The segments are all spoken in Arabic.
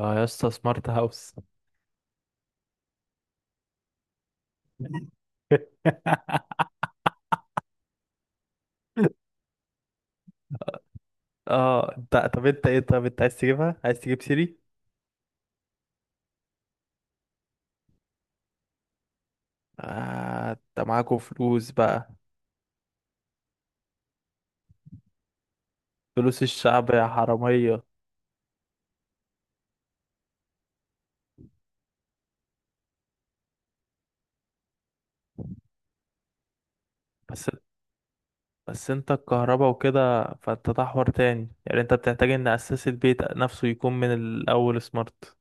اه يا اسطى، سمارت هاوس. اه، انت طب انت ايه؟ طب انت عايز تجيبها؟ عايز تجيب سيري؟ آه انت معاكوا فلوس بقى. فلوس الشعب يا حرامية. بس بس انت الكهرباء وكده، فانت ده حوار تاني. يعني انت بتحتاج ان اساس البيت نفسه يكون من الاول سمارت.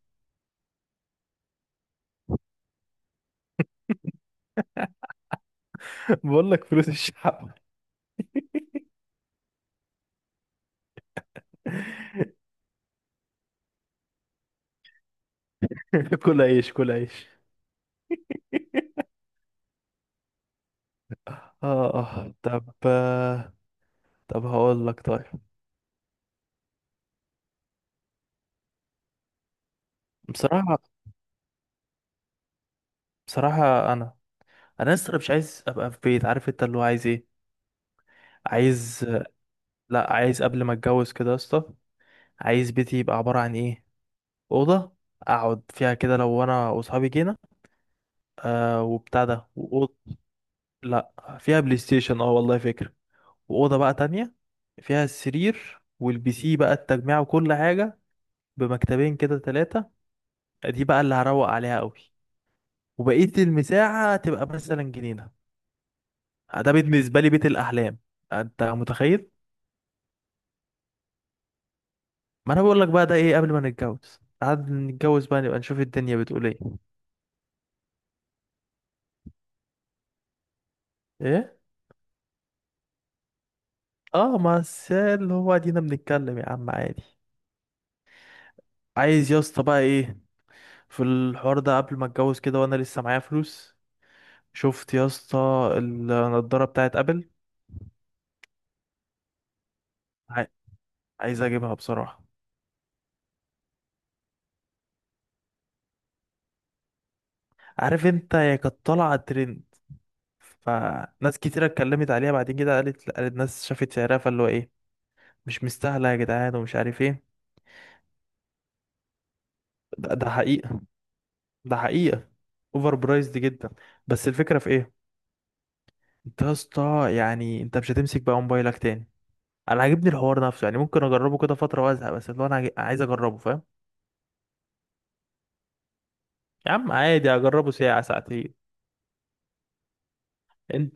بقول لك فلوس الشعب. كل عيش، كل عيش. اه اه طب طب هقول لك طيب. بصراحة، بصراحة انا لسه مش عايز ابقى في بيت. عارف انت اللي هو عايز ايه؟ عايز، لا عايز قبل ما اتجوز كده يا اسطى. عايز بيتي يبقى عباره عن ايه؟ اوضه اقعد فيها كده لو انا واصحابي جينا، آه وبتاع ده، واوضه، لا فيها بلاي ستيشن، اه والله فكره. واوضه بقى تانية فيها السرير والبي سي بقى التجميع وكل حاجه، بمكتبين كده ثلاثه. دي بقى اللي هروق عليها قوي. وبقيه المساحه تبقى مثلا جنينه. ده بالنسبه لي بيت الاحلام. انت متخيل؟ ما انا بقول لك بقى ده ايه؟ قبل ما نتجوز قعد، نتجوز بقى نبقى نشوف الدنيا بتقول ايه. ايه. اه، ما اللي هو ادينا بنتكلم يا عم عادي. عايز يا اسطى بقى ايه في الحوار ده قبل ما اتجوز كده وانا لسه معايا فلوس. شفت يا اسطى النضاره بتاعت ابل؟ عاي- عايز اجيبها بصراحه. عارف انت هي كانت طالعه ترند، فناس كتيره اتكلمت عليها، بعدين كده قالت ناس شافت سعرها، فاللي هو ايه، مش مستاهله يا جدعان ومش عارف ايه. ده حقيقي، ده حقيقة. اوفر برايزد جدا. بس الفكرة في ايه؟ انت يا اسطى، يعني انت مش هتمسك بقى موبايلك تاني. انا عاجبني الحوار نفسه. يعني ممكن اجربه كده فترة وازهق، بس اللي هو انا عايز اجربه، فاهم؟ يا عم عادي اجربه ساعة ساعتين. انت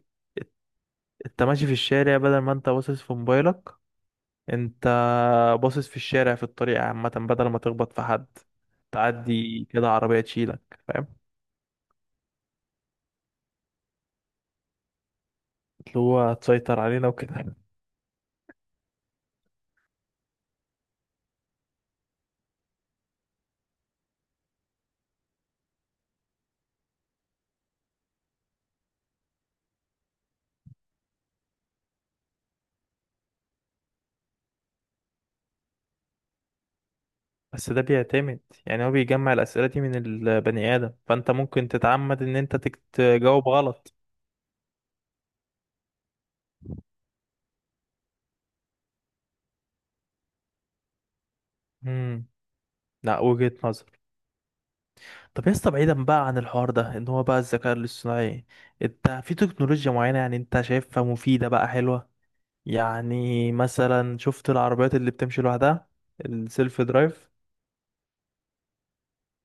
انت ماشي في الشارع، بدل ما انت باصص في موبايلك، انت باصص في الشارع في الطريق عامة، بدل ما تخبط في حد، تعدي كده عربية تشيلك، فاهم؟ اللي هو تسيطر علينا وكده. بس ده بيعتمد، يعني هو بيجمع الأسئلة دي من البني آدم، فأنت ممكن تتعمد إن أنت تجاوب غلط. امم، لا وجهة نظر. طب يا اسطى، بعيدا بقى عن الحوار ده إن هو بقى الذكاء الاصطناعي، أنت في تكنولوجيا معينة يعني أنت شايفها مفيدة بقى، حلوة؟ يعني مثلا شفت العربيات اللي بتمشي لوحدها، السيلف درايف؟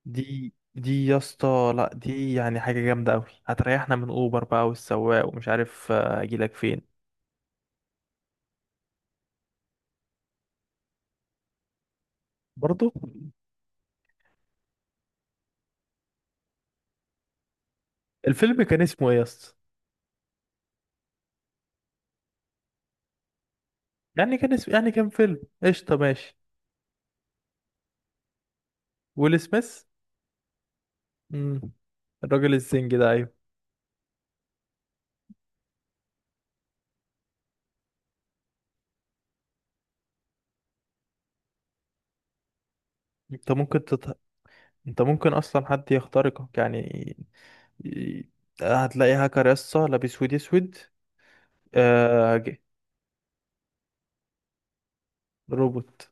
دي يا اسطى، لا دي يعني حاجة جامدة أوي، هتريحنا من أوبر بقى والسواق ومش عارف أجيلك فين. برضو الفيلم كان اسمه إيه يا اسطى؟ يعني كان اسم، يعني كان فيلم قشطة ماشي. ويل سميث. مم. الراجل الزنج ده، ايوه. انت ممكن تط... انت ممكن اصلا حد يخترقك يعني. ي- هتلاقي هاكر يسطا لابس ويد اسود. آه... ج- روبوت.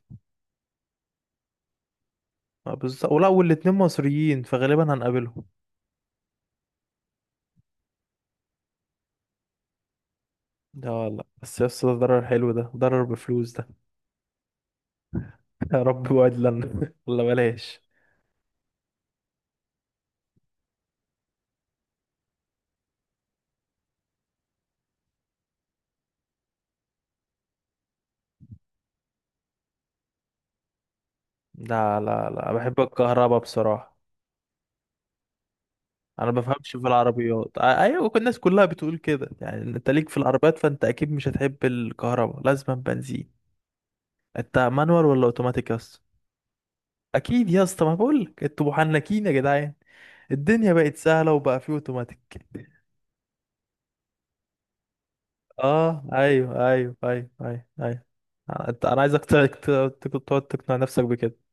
آه بالظبط، ولا والاتنين مصريين فغالبا هنقابلهم. ده والله بس يسطا، ده ضرر حلو، ده ضرر بفلوس ده. يا رب وعد لنا، ولا بلاش. لا لا لا، بحب الكهرباء بصراحة. انا ما بفهمش في العربيات. ايوه كل الناس كلها بتقول كده، يعني انت ليك في العربيات فانت اكيد مش هتحب الكهرباء، لازم بنزين. انت مانوال ولا اوتوماتيك يا اسطى؟ اكيد يا اسطى، ما بقول لك انتوا محنكين يا جدعان. الدنيا بقت سهله، وبقى في اوتوماتيك. اه ايوه ايوه ايوه ايوه ايوه. انت انا عايزك تقعد تقنع نفسك بكده.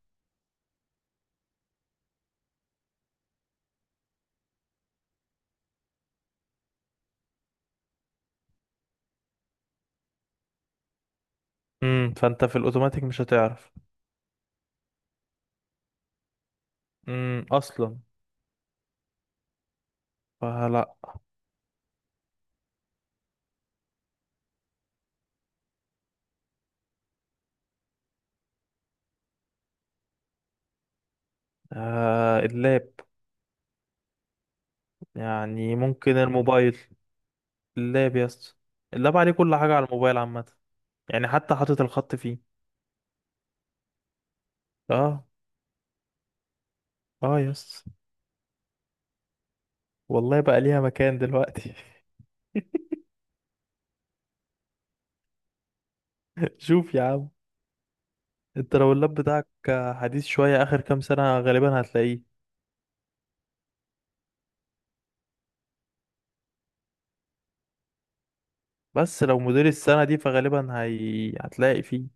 امم، فانت في الاوتوماتيك مش هتعرف. امم، اصلا. فلا. آه اللاب، يعني ممكن الموبايل. اللاب يا اسطى، اللاب عليه كل حاجة، على الموبايل عامة يعني، حتى حاطط الخط فيه. اه. اه يا اسطى، والله بقى ليها مكان دلوقتي. شوف يا عم، انت لو اللاب بتاعك حديث شوية آخر كام سنة، غالبا هتلاقيه. بس لو موديل السنة دي فغالبا هتلاقي فيه.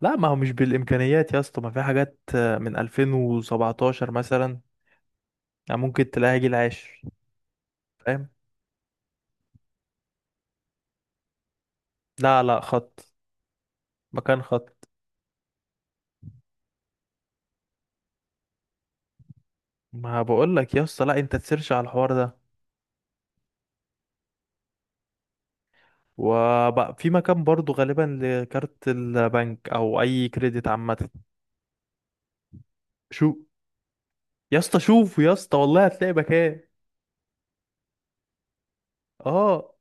لا ما هو مش بالإمكانيات يا اسطى، ما في حاجات من 2017 مثلا، يعني ممكن تلاقيها جيل عاشر، فاهم؟ لا لا، خط، مكان خط. ما بقول لك يا اسطى، لا انت تسيرش على الحوار ده. وبقى في مكان برضو غالبا لكارت البنك او اي كريدت عامه. شو، يا اسطى شوف يا اسطى، والله هتلاقي مكان. اه،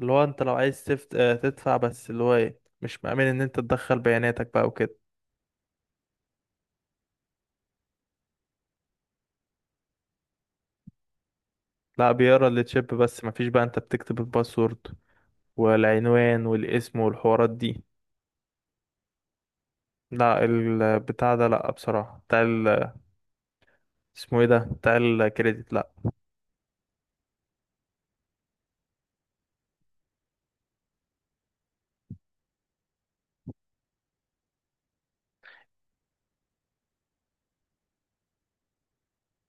اللي هو انت لو عايز تفت... آه، تدفع، بس اللي هو ايه، مش مأمن ان انت تدخل بياناتك بقى وكده. لا بيقرا التشيب بس، مفيش بقى انت بتكتب الباسورد والعنوان والاسم والحوارات دي. لا البتاع ده، لا بصراحه بتاع ال، اسمه ايه ده بتاع الكريدت، لا.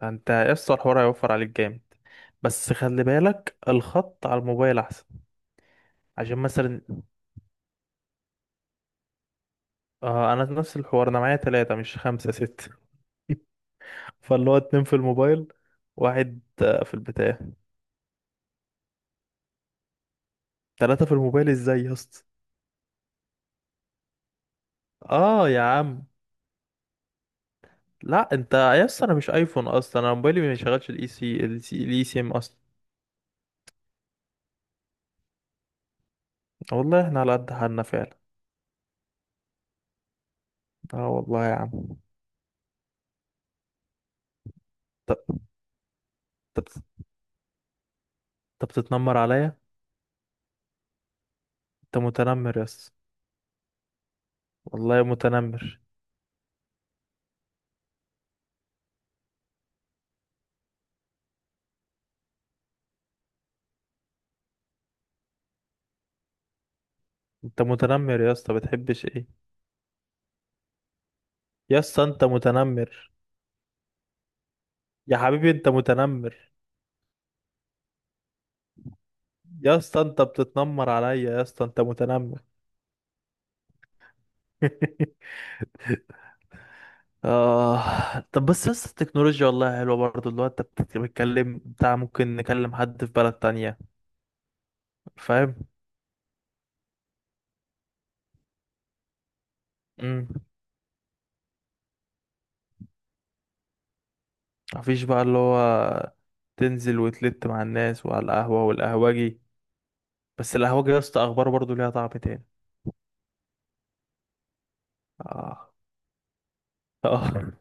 انت يا اسطى، الحوار هيوفر عليك جامد. بس خلي بالك الخط على الموبايل احسن. عشان مثلا، آه انا نفس الحوار، انا معايا ثلاثة مش خمسة ستة. فاللي هو اتنين في الموبايل، واحد في البتاع. ثلاثة في الموبايل ازاي يا اسطى؟ اه يا عم، لا انت يا اسطى، انا مش ايفون اصلا، انا موبايلي ما بيشغلش الاي سي، الاي سي ام اصلا. والله احنا على قد حالنا فعلا. اه والله يا عم. طب، طب، طب بتتنمر عليا. انت متنمر يا اسطى، والله متنمر. انت متنمر يا اسطى، بتحبش ايه؟ يا اسطى انت متنمر. يا حبيبي انت متنمر. يا اسطى انت بتتنمر عليا، يا اسطى انت متنمر. آه طب، بس بس التكنولوجيا والله حلوة برضه، اللي هو انت بتتكلم بتاع، ممكن نكلم حد في بلد تانية، فاهم؟ امم، مفيش بقى اللي هو تنزل وتلت مع الناس وعلى القهوة والقهوجي. بس القهوجي يا اسطى اخباره برضه ليها طعم تاني. اه اه.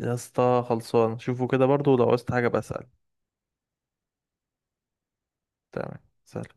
يا اسطى خلصان، شوفوا كده برضه ولو عوزت حاجة بسأل. تمام، سلام.